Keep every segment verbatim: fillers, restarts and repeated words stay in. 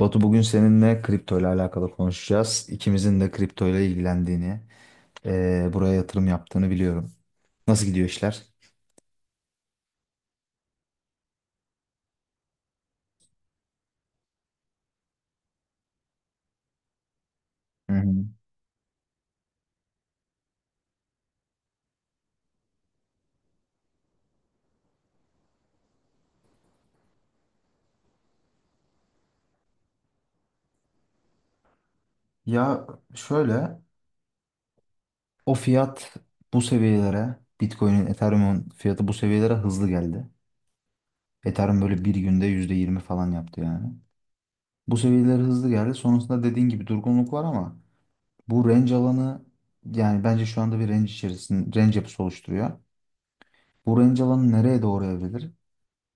Batu, bugün seninle kripto ile alakalı konuşacağız. İkimizin de kripto ile ilgilendiğini, eee, buraya yatırım yaptığını biliyorum. Nasıl gidiyor işler? Hı hı. Ya şöyle, o fiyat bu seviyelere, Bitcoin'in, Ethereum'un fiyatı bu seviyelere hızlı geldi. Ethereum böyle bir günde yüzde yirmi falan yaptı yani. Bu seviyelere hızlı geldi. Sonrasında dediğin gibi durgunluk var ama bu range alanı, yani bence şu anda bir range içerisinde range yapısı oluşturuyor. Bu range alanı nereye doğru evrilir?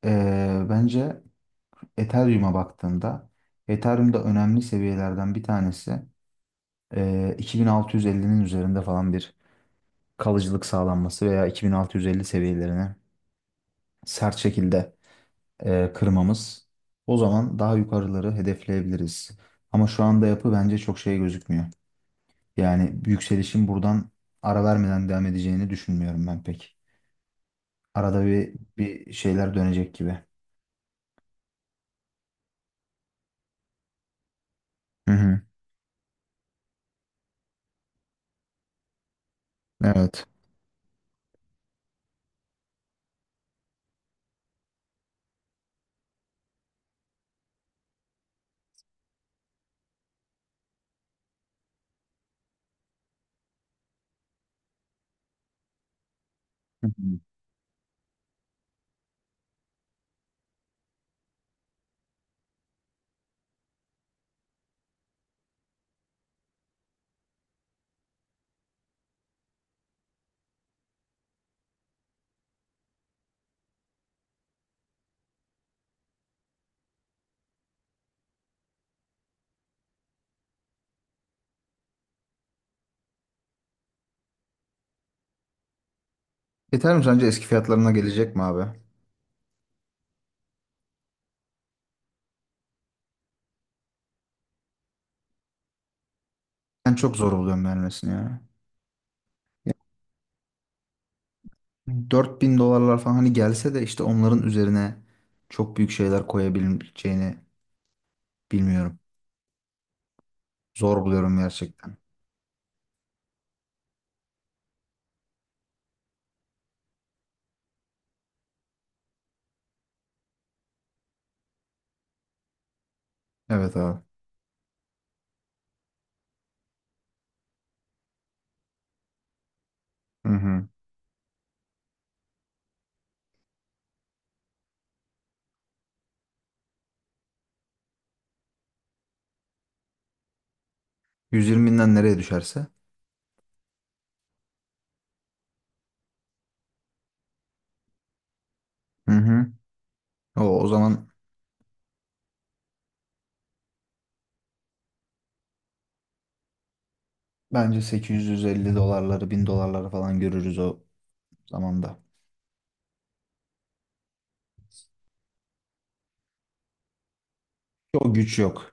Eee, bence Ethereum'a baktığımda Ethereum'da önemli seviyelerden bir tanesi e, iki bin altı yüz ellinin üzerinde falan bir kalıcılık sağlanması veya iki bin altı yüz elli seviyelerini sert şekilde e, kırmamız. O zaman daha yukarıları hedefleyebiliriz. Ama şu anda yapı bence çok şey gözükmüyor. Yani yükselişin buradan ara vermeden devam edeceğini düşünmüyorum ben pek. Arada bir, bir şeyler dönecek gibi. Hı hı, evet. Hı hı. Ethereum sence eski fiyatlarına gelecek mi abi? Ben çok zor oluyorum vermesini ya. Ya dört bin dolarlar falan hani gelse de, işte onların üzerine çok büyük şeyler koyabileceğini bilmiyorum. Zor buluyorum gerçekten. Evet abi. Hı hı. yüz yirmiden nereye düşerse. Hı hı. O, o zaman bence sekiz yüz elli dolarları, bin dolarları falan görürüz o zamanda. O güç yok.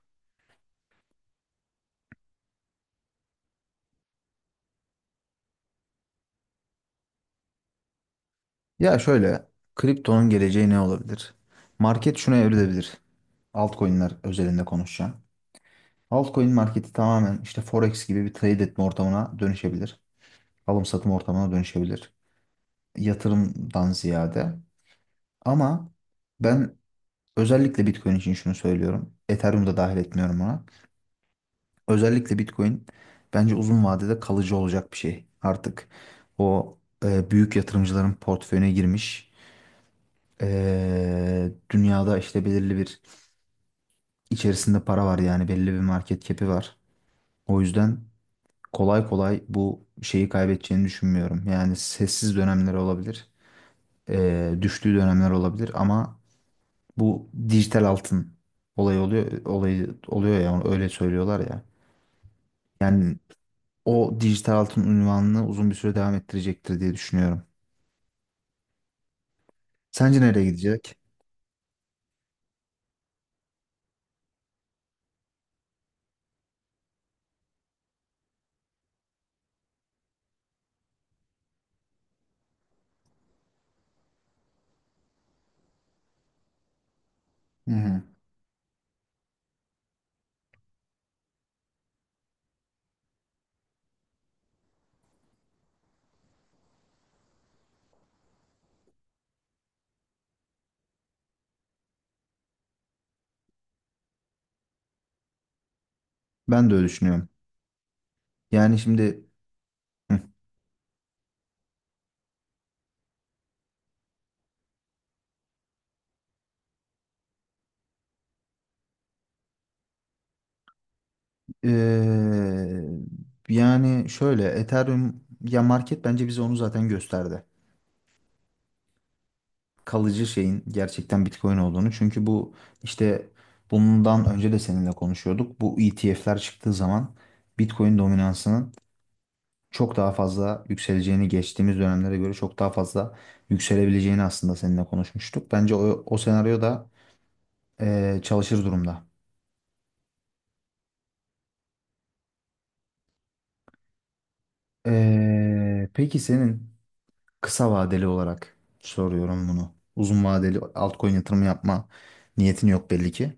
Ya şöyle, kriptonun geleceği ne olabilir? Market şuna evrilebilir. Altcoin'ler özelinde konuşacağım. Altcoin marketi tamamen işte Forex gibi bir trade etme ortamına dönüşebilir. Alım satım ortamına dönüşebilir. Yatırımdan ziyade. Ama ben özellikle Bitcoin için şunu söylüyorum. Ethereum'u da dahil etmiyorum ona. Özellikle Bitcoin bence uzun vadede kalıcı olacak bir şey. Artık o e, büyük yatırımcıların portföyüne girmiş. E, dünyada işte belirli bir içerisinde para var, yani belli bir market cap'i var. O yüzden kolay kolay bu şeyi kaybedeceğini düşünmüyorum. Yani sessiz dönemler olabilir, eee, düştüğü dönemler olabilir ama bu dijital altın olayı oluyor, olayı oluyor ya, öyle söylüyorlar ya. Yani o dijital altın unvanını uzun bir süre devam ettirecektir diye düşünüyorum. Sence nereye gidecek? Hı hı. Ben de öyle düşünüyorum. Yani şimdi hı, eee, yani şöyle Ethereum, ya market bence bize onu zaten gösterdi, kalıcı şeyin gerçekten Bitcoin olduğunu. Çünkü bu işte bundan önce de seninle konuşuyorduk. Bu E T F'ler çıktığı zaman Bitcoin dominansının çok daha fazla yükseleceğini, geçtiğimiz dönemlere göre çok daha fazla yükselebileceğini aslında seninle konuşmuştuk. Bence o, o senaryo da eee, çalışır durumda. Eee, peki senin, kısa vadeli olarak soruyorum bunu, uzun vadeli altcoin yatırımı yapma niyetin yok belli ki.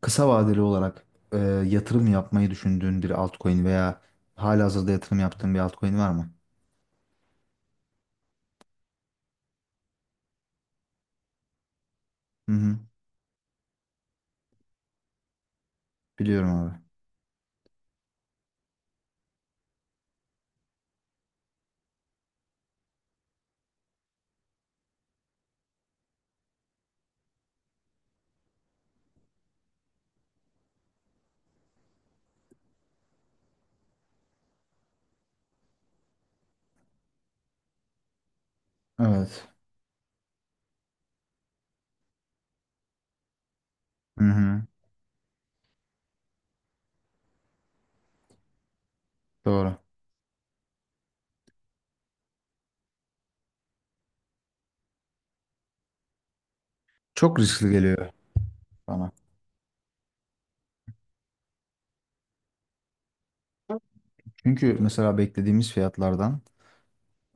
Kısa vadeli olarak e, yatırım yapmayı düşündüğün bir altcoin veya halihazırda yatırım yaptığın bir altcoin var mı? Hı hı. Biliyorum abi. Evet. Hı hı. Doğru. Çok riskli geliyor bana. Çünkü mesela beklediğimiz fiyatlardan,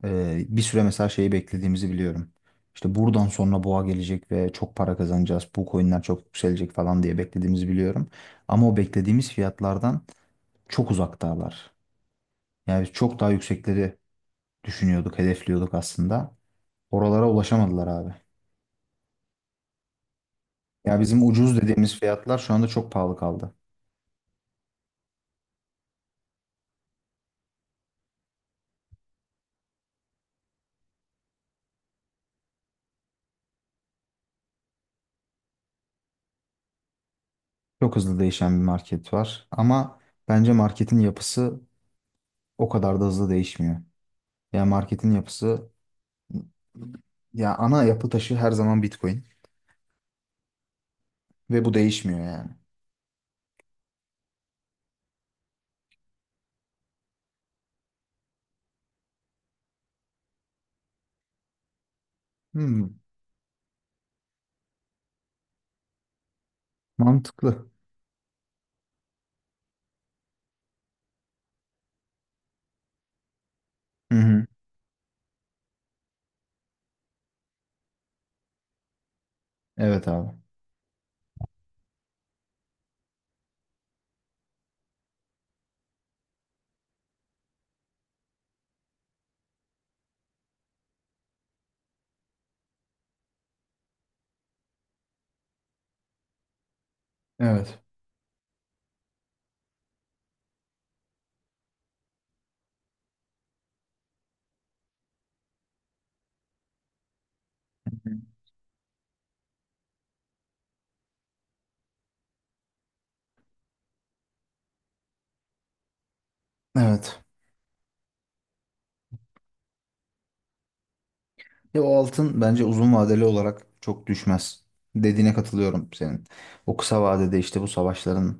e, bir süre mesela şeyi beklediğimizi biliyorum. İşte buradan sonra boğa gelecek ve çok para kazanacağız. Bu coinler çok yükselecek falan diye beklediğimizi biliyorum. Ama o beklediğimiz fiyatlardan çok uzaktalar. Yani çok daha yüksekleri düşünüyorduk, hedefliyorduk aslında. Oralara ulaşamadılar abi. Ya bizim ucuz dediğimiz fiyatlar şu anda çok pahalı kaldı. Çok hızlı değişen bir market var. Ama bence marketin yapısı o kadar da hızlı değişmiyor. Ya marketin yapısı, ya ana yapı taşı her zaman Bitcoin ve bu değişmiyor yani. Hmm, mantıklı. Hı hı. Evet abi. Evet. Hı hı. Evet. Ya o altın bence uzun vadeli olarak çok düşmez. Dediğine katılıyorum senin. O kısa vadede işte bu savaşların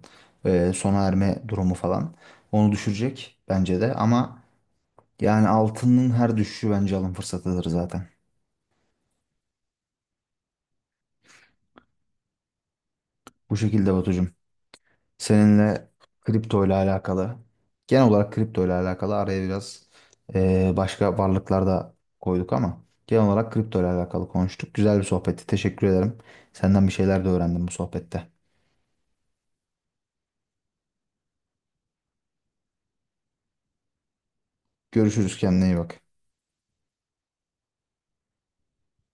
e, sona erme durumu falan onu düşürecek bence de. Ama yani altının her düşüşü bence alım fırsatıdır zaten. Bu şekilde Batucuğum. Seninle kripto ile alakalı, genel olarak kripto ile alakalı, araya biraz e, başka varlıklar da koyduk ama genel olarak kripto ile alakalı konuştuk. Güzel bir sohbetti. Teşekkür ederim. Senden bir şeyler de öğrendim bu sohbette. Görüşürüz, kendine iyi bak.